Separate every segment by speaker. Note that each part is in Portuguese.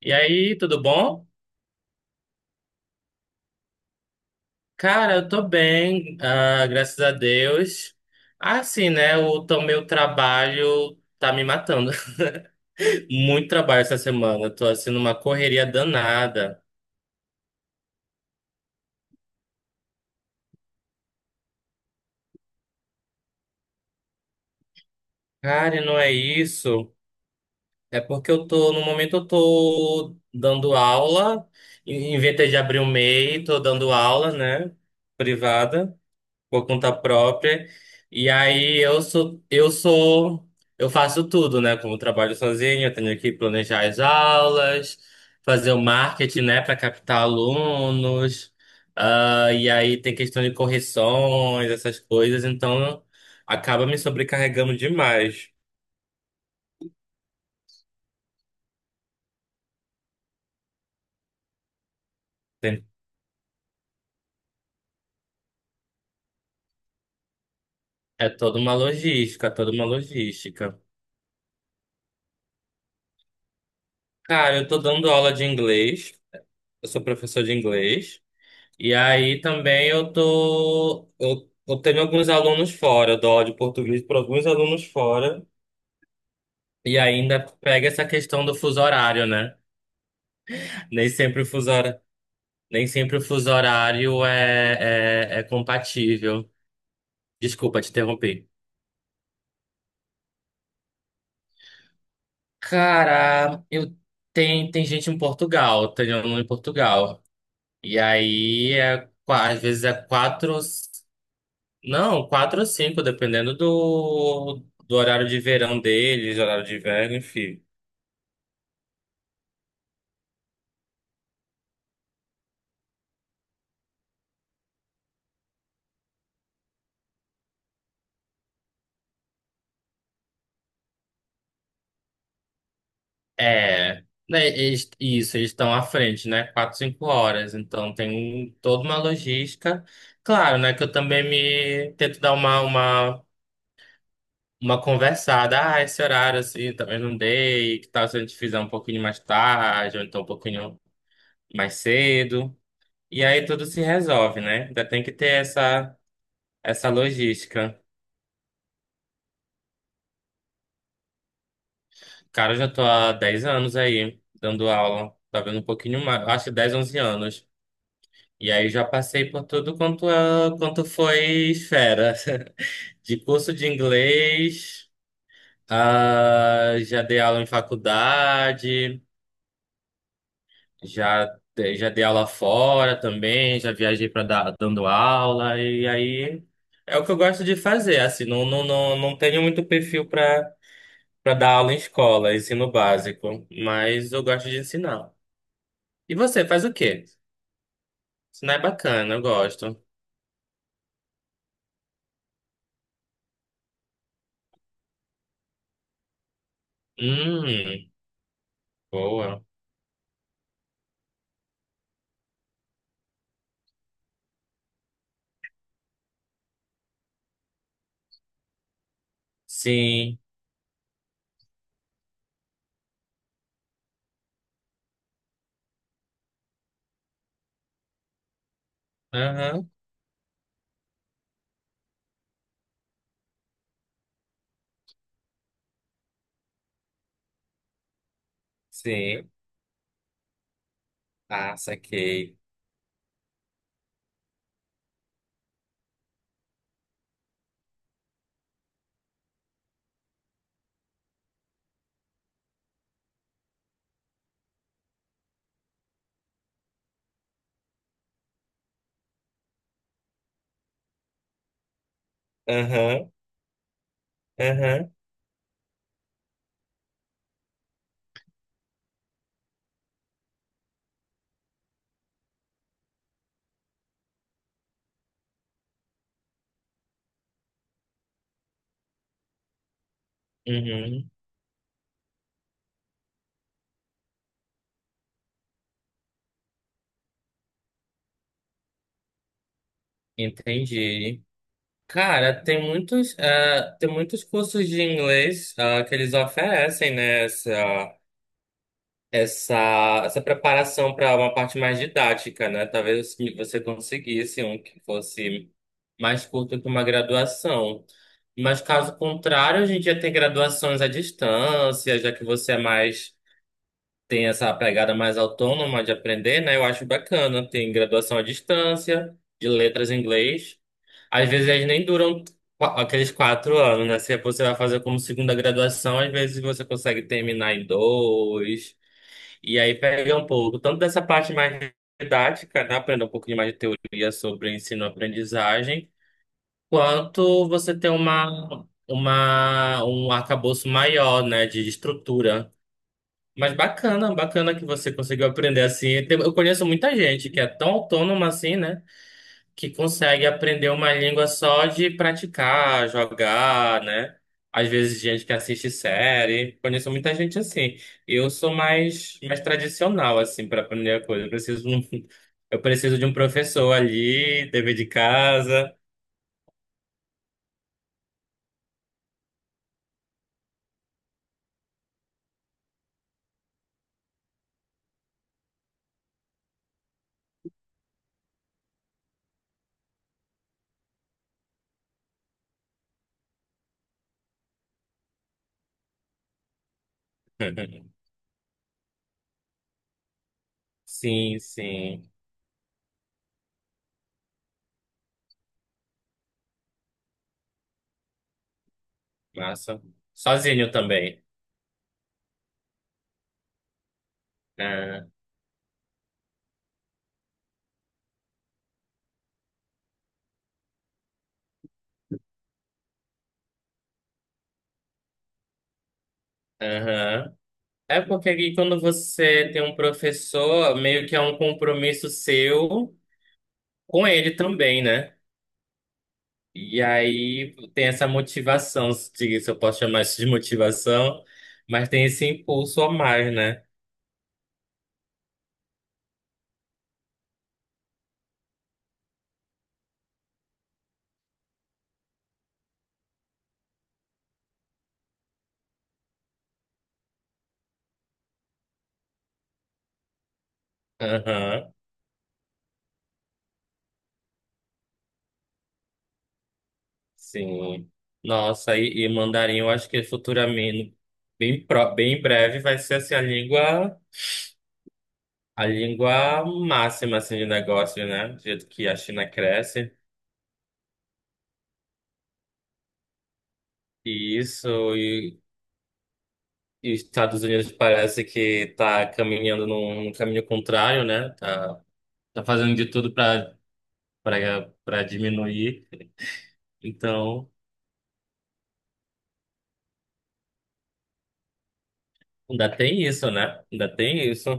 Speaker 1: E aí, tudo bom? Cara, eu tô bem, graças a Deus. Assim, né? Meu trabalho tá me matando. Muito trabalho essa semana. Eu tô assim numa correria danada. Cara, e não é isso. É porque no momento eu tô dando aula, inventei de abrir o MEI, tô dando aula, né? Privada, por conta própria. E aí eu faço tudo, né? Como eu trabalho sozinho, eu tenho que planejar as aulas, fazer o marketing, né, para captar alunos. E aí tem questão de correções, essas coisas, então acaba me sobrecarregando demais. Tem- é toda uma logística, toda uma logística. Cara, eu tô dando aula de inglês, eu sou professor de inglês. E aí também eu tô. Eu tenho alguns alunos fora, eu dou aula de português para alguns alunos fora. E ainda pega essa questão do fuso horário, né? Nem sempre o fuso horário, Nem sempre o fuso horário é compatível. Desculpa te interromper. Cara, eu tem gente em Portugal, tem aluno em Portugal. E aí é, às vezes é quatro. Não, quatro ou cinco, dependendo do horário de verão deles, horário de inverno, enfim. É, né, eles- isso, eles estão à frente, né? Quatro, cinco horas. Então tem um, toda uma logística. Claro, né? Que eu também me tento dar uma conversada. Ah, esse horário assim, talvez não dei. Que tal se a gente fizer um pouquinho mais tarde, ou então um pouquinho mais cedo. E aí tudo se resolve, né? Ainda tem que ter essa logística. Cara, eu já tô há 10 anos aí, dando aula. Tá vendo, um pouquinho mais, acho que 10, 11 anos. E aí já passei por tudo quanto, quanto foi esfera. De curso de inglês, já dei aula em faculdade, já, já dei aula fora também, já viajei para dar dando aula, e aí é o que eu gosto de fazer, assim, não tenho muito perfil para dar aula em escola, ensino básico, mas eu gosto de ensinar. E você faz o quê? Isso não é bacana, eu gosto. Hum, boa. Sim. Aham. Sim. Ah, saquei. Aham. Aham. Uhum. Entendi. Cara, tem muitos, tem muitos cursos de inglês, que eles oferecem, né? essa, Essa preparação para uma parte mais didática, né? Talvez que você conseguisse um que fosse mais curto que uma graduação. Mas caso contrário, a gente já tem graduações à distância, já que você é mais, tem essa pegada mais autônoma de aprender, né? Eu acho bacana. Tem graduação à distância, de letras em inglês. Às vezes elas nem duram aqueles quatro anos, né? Se você vai fazer como segunda graduação, às vezes você consegue terminar em dois. E aí pega um pouco, tanto dessa parte mais didática, né? Aprender um pouquinho mais de teoria sobre ensino-aprendizagem, quanto você ter um arcabouço maior, né? De estrutura. Mas bacana, bacana que você conseguiu aprender assim. Tem- eu conheço muita gente que é tão autônoma assim, né? Que consegue aprender uma língua só de praticar, jogar, né? Às vezes gente que assiste série. Conheço muita gente assim. Eu sou mais tradicional assim para aprender a coisa. Eu preciso de um, eu preciso de um professor ali, dever de casa. Sim, sim. Massa. Sozinho também. Ah, aham. É porque aqui quando você tem um professor, meio que é um compromisso seu com ele também, né? E aí tem essa motivação, se eu posso chamar isso de motivação, mas tem esse impulso a mais, né? Aham, sim. Nossa, e mandarim, eu acho que futuramente, bem, bem em breve, vai ser assim, a língua máxima assim, de negócio, né? Do jeito que a China cresce. E isso, e, e os Estados Unidos parece que está caminhando num caminho contrário, né? Tá, tá fazendo de tudo para diminuir. Então, ainda tem isso, né? Ainda tem isso.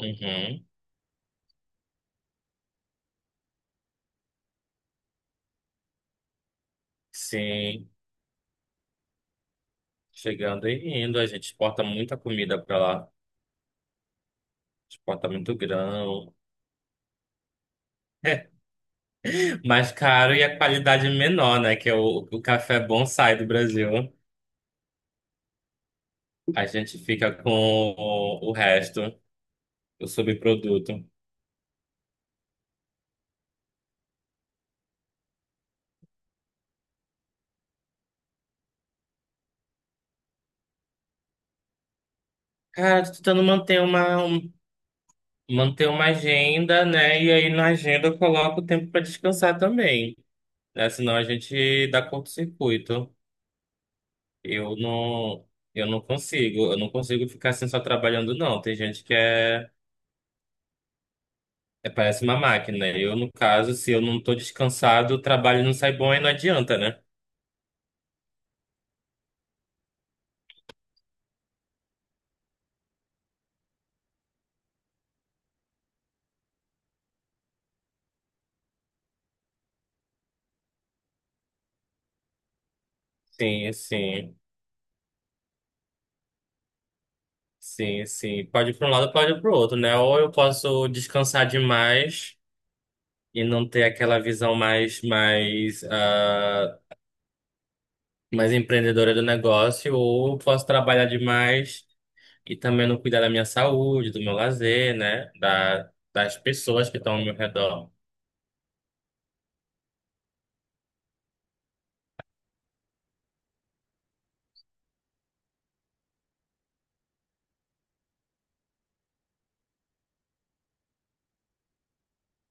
Speaker 1: Uhum. Sim, chegando e indo, a gente exporta muita comida para lá. Exporta muito grão. Mais caro e a qualidade menor, né? Que é o café bom sai do Brasil. A gente fica com o resto, o subproduto. Cara, tô tentando manter uma, um- manter uma agenda, né? E aí na agenda eu coloco o tempo para descansar também, né? Senão a gente dá curto-circuito. Eu não, eu não consigo, eu não consigo ficar assim só trabalhando, não. Tem gente que é, é- parece uma máquina. Eu, no caso, se eu não tô descansado, o trabalho não sai bom e não adianta, né? Sim, sim, sim, sim. Pode ir para um lado, pode ir para o outro, né? Ou eu posso descansar demais e não ter aquela visão mais, mais empreendedora do negócio, ou eu posso trabalhar demais e também não cuidar da minha saúde, do meu lazer, né? Da, das pessoas que estão ao meu redor.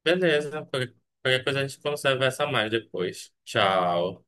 Speaker 1: Beleza, qualquer coisa a gente conversa mais depois. Tchau.